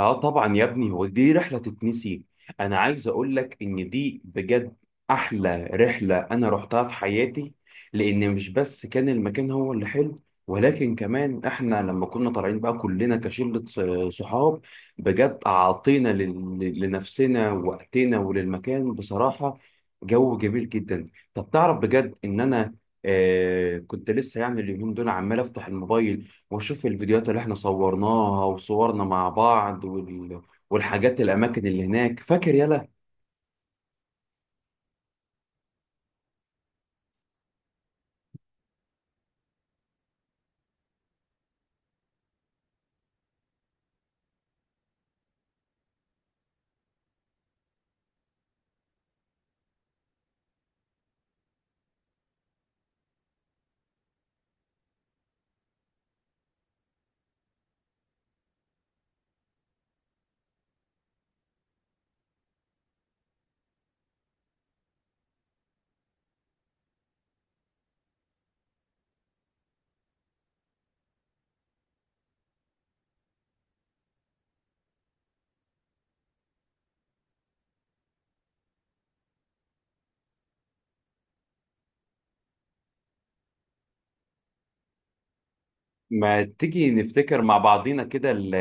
اه طبعا يا ابني، هو دي رحله تتنسي. انا عايز اقول لك ان دي بجد احلى رحله انا رحتها في حياتي. لان مش بس كان المكان هو اللي حلو، ولكن كمان احنا لما كنا طالعين بقى كلنا كشله صحاب. بجد اعطينا لنفسنا وقتنا وللمكان بصراحه. جو جميل جدا. طب تعرف بجد ان انا كنت لسه يعني اليومين دول عمال افتح الموبايل واشوف الفيديوهات اللي احنا صورناها وصورنا مع بعض، والحاجات الاماكن اللي هناك، فاكر؟ يلا، ما تيجي نفتكر مع بعضينا كده ال...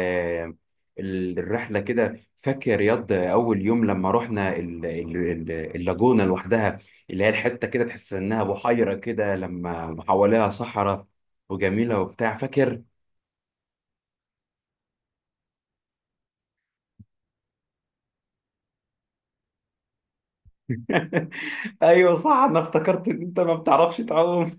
ال- الرحله كده. فاكر رياض اول يوم لما رحنا اللاجونه لوحدها، اللي هي الحته كده تحس انها بحيره كده لما حواليها صحراء، وجميله وبتاع، فاكر؟ ايوه صح، انا افتكرت ان انت ما بتعرفش تعوم.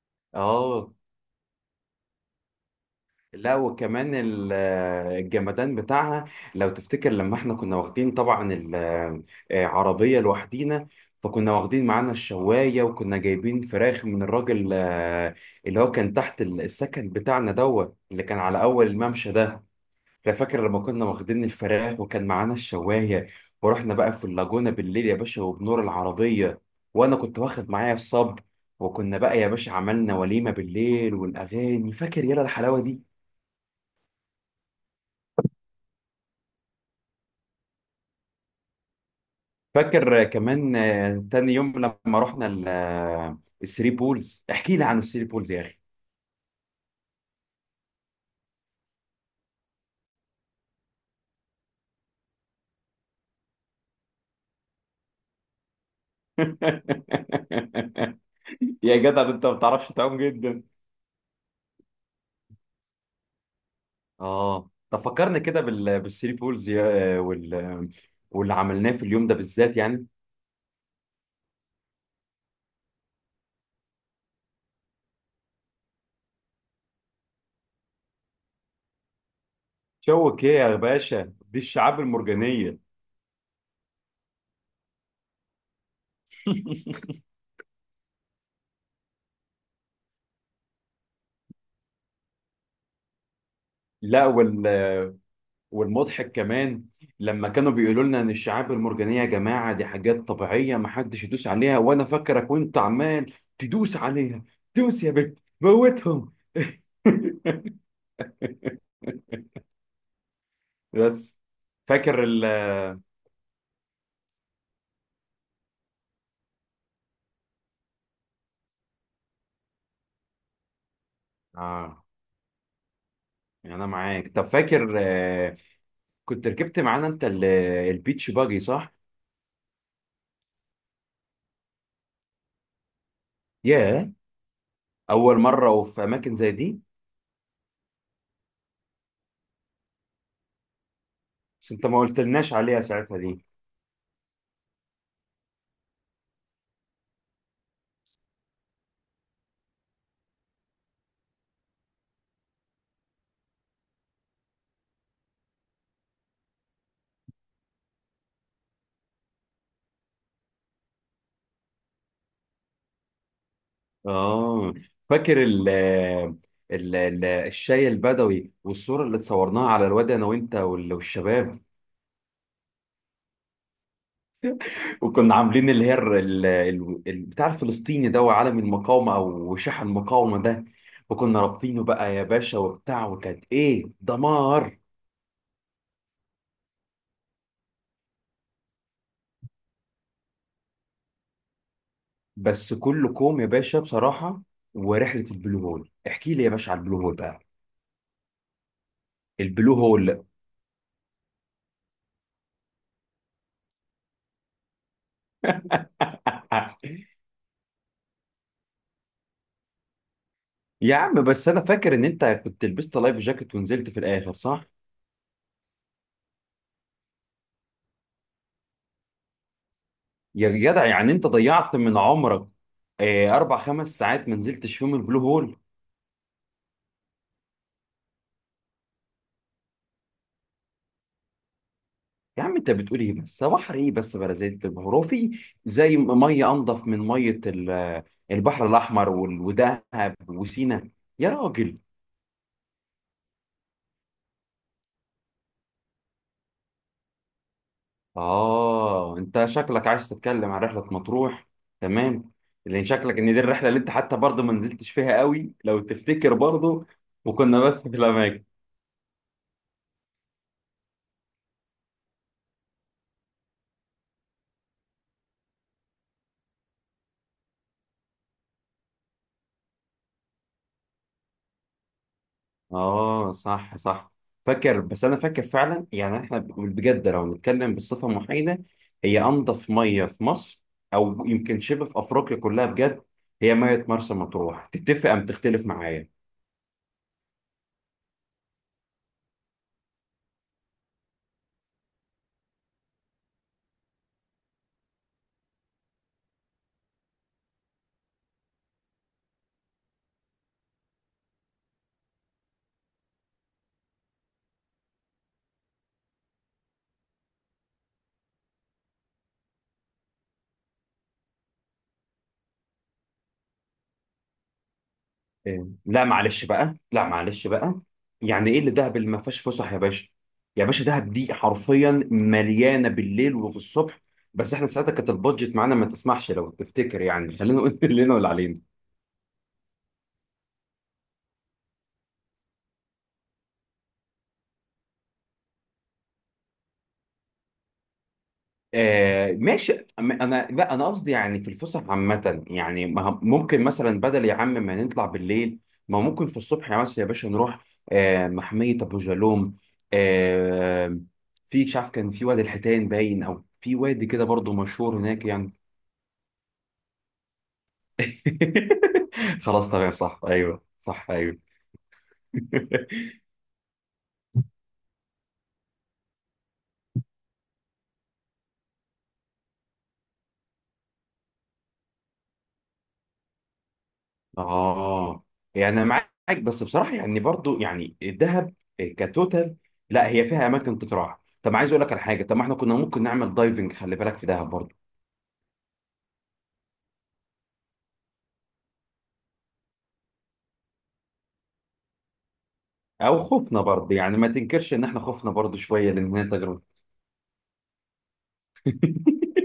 اه. لا، وكمان الجمدان بتاعها، لو تفتكر لما احنا كنا واخدين طبعا العربية لوحدينا، فكنا واخدين معانا الشواية وكنا جايبين فراخ من الراجل اللي هو كان تحت السكن بتاعنا دوت، اللي كان على أول الممشى ده. لا، فاكر لما كنا واخدين الفراخ وكان معانا الشواية، ورحنا بقى في اللاجونة بالليل يا باشا وبنور العربية، وأنا كنت واخد معايا الصب، وكنا بقى يا باشا عملنا وليمة بالليل والأغاني، فاكر يلا الحلاوة دي؟ فاكر كمان، تاني يوم لما رحنا الثري بولز؟ احكي لي عن الثري بولز يا اخي. يا جدع، ده انت ما بتعرفش تعوم جدا. اه طب، فكرنا كده بالثري بولز يا... آه، وال... آه، واللي عملناه في اليوم ده بالذات يعني. شوك ايه يا باشا؟ دي الشعاب المرجانيه. لا، والمضحك كمان، لما كانوا بيقولوا لنا ان الشعاب المرجانيه يا جماعه دي حاجات طبيعيه ما حدش يدوس عليها، وانا فاكرك وانت عمال تدوس عليها. دوس يا بت، موتهم! بس فاكر ال اه يعني انا معاك. طب فاكر، كنت ركبت معانا انت البيتش باجي، صح؟ ياه، اول مره وفي اماكن زي دي. بس انت ما قلتلناش عليها ساعتها دي. اه فاكر الشاي البدوي، والصورة اللي اتصورناها على الواد انا وانت والشباب. وكنا عاملين اللي هي البتاع الفلسطيني ده، وعلم المقاومة او شاح المقاومة ده، وكنا رابطينه بقى يا باشا وبتاع، وكانت ايه؟ دمار! بس كله كوم يا باشا بصراحة. ورحلة البلو هول، احكي لي يا باشا على البلو هول بقى. البلو هول. يا عم، بس انا فاكر ان انت كنت لبست لايف جاكيت ونزلت في الاخر، صح؟ يا جدع، يعني انت ضيعت من عمرك اربع خمس ساعات ما نزلتش فيهم البلو هول. يا عم انت بتقول ايه؟ بس هو بحر ايه؟ بس بلا زيت البحر، هو في زي ميه انضف من ميه البحر الاحمر ودهب وسينا. يا راجل! اه، انت شكلك عايز تتكلم عن رحله مطروح. تمام. لان شكلك ان دي الرحله اللي انت حتى برضه ما نزلتش فيها قوي لو تفتكر برضه، وكنا بس في الاماكن. اه صح صح. فاكر، بس انا فاكر فعلا يعني احنا بجد لو نتكلم بصفه محايده، هي انضف ميه في مصر، او يمكن شبه في افريقيا كلها بجد. هي ميه مرسى مطروح، تتفق ام تختلف معايا؟ إيه. لا معلش بقى، لا معلش بقى. يعني ايه اللي دهب اللي ما فيهاش فسح يا باشا؟ يا باشا، دهب دي حرفيا مليانه بالليل وفي الصبح. بس احنا ساعتها كانت البادجت معانا ما تسمحش، لو تفتكر يعني. خلينا نقول اللي لنا واللي علينا. آه ماشي. انا، لا انا قصدي يعني في الفسح عامه، يعني ما هم- ممكن مثلا بدل يا عم ما نطلع بالليل، ما ممكن في الصبح، يا مثلا يا باشا، نروح محميه ابو جالوم. آه في، مش عارف كان في وادي الحيتان باين، او في وادي كده برضو مشهور هناك يعني. خلاص تمام، صح ايوه، صح ايوه. اه، يعني انا معاك. بس بصراحه يعني، برضو يعني الذهب كتوتال. لا، هي فيها اماكن تتراح. طب عايز اقول لك على حاجه، طب ما احنا كنا ممكن نعمل دايفنج، خلي بالك في دهب برضو. او خوفنا برضو يعني، ما تنكرش ان احنا خوفنا برضو شويه، لان هي تجربه.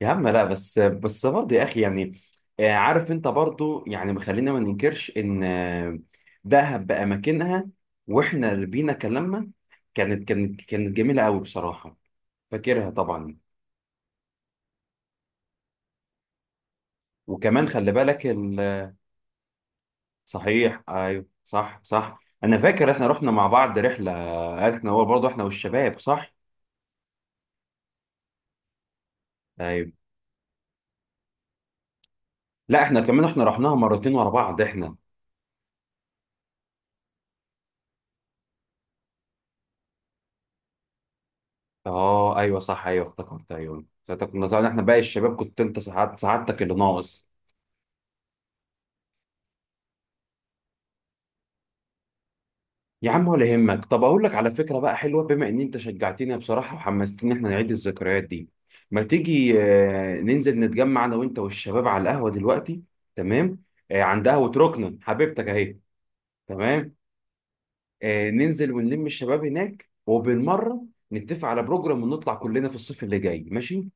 يا عم، لا، بس برضه يا اخي يعني، عارف انت برضه يعني، خلينا ما ننكرش ان دهب باماكنها، واحنا اللي بينا كلامنا، كانت جميله قوي بصراحه. فاكرها طبعا. وكمان خلي بالك، صحيح ايوه صح صح، انا فاكر احنا رحنا مع بعض رحله، احنا، هو برضه احنا والشباب، صح؟ ايوه، لا احنا كمان، احنا رحناها مرتين ورا بعض احنا. اه ايوه صح، ايوه افتكرت، ايوه ساعتها كنا طبعا احنا باقي الشباب، كنت انت ساعات سعادتك اللي ناقص. يا عم ولا يهمك. طب اقول لك على فكره بقى حلوه، بما ان انت شجعتني بصراحه وحمستني احنا نعيد الذكريات دي. ما تيجي ننزل نتجمع انا وانت والشباب على القهوه دلوقتي؟ تمام. عند قهوه ركنه حبيبتك اهي. تمام. ننزل ونلم الشباب هناك وبالمره نتفق على بروجرام ونطلع كلنا في الصيف اللي جاي، ماشي؟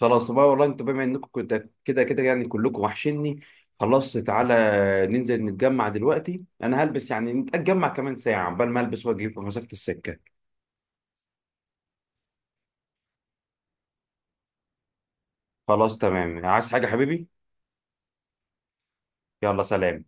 خلاص بقى والله، انت بما انكم كده كده يعني كلكم وحشني. خلاص تعالى، ننزل نتجمع دلوقتي، انا هلبس يعني، نتجمع كمان ساعه عقبال ما البس واجي في مسافه السكه. خلاص تمام، عايز حاجه حبيبي؟ يلا سلام.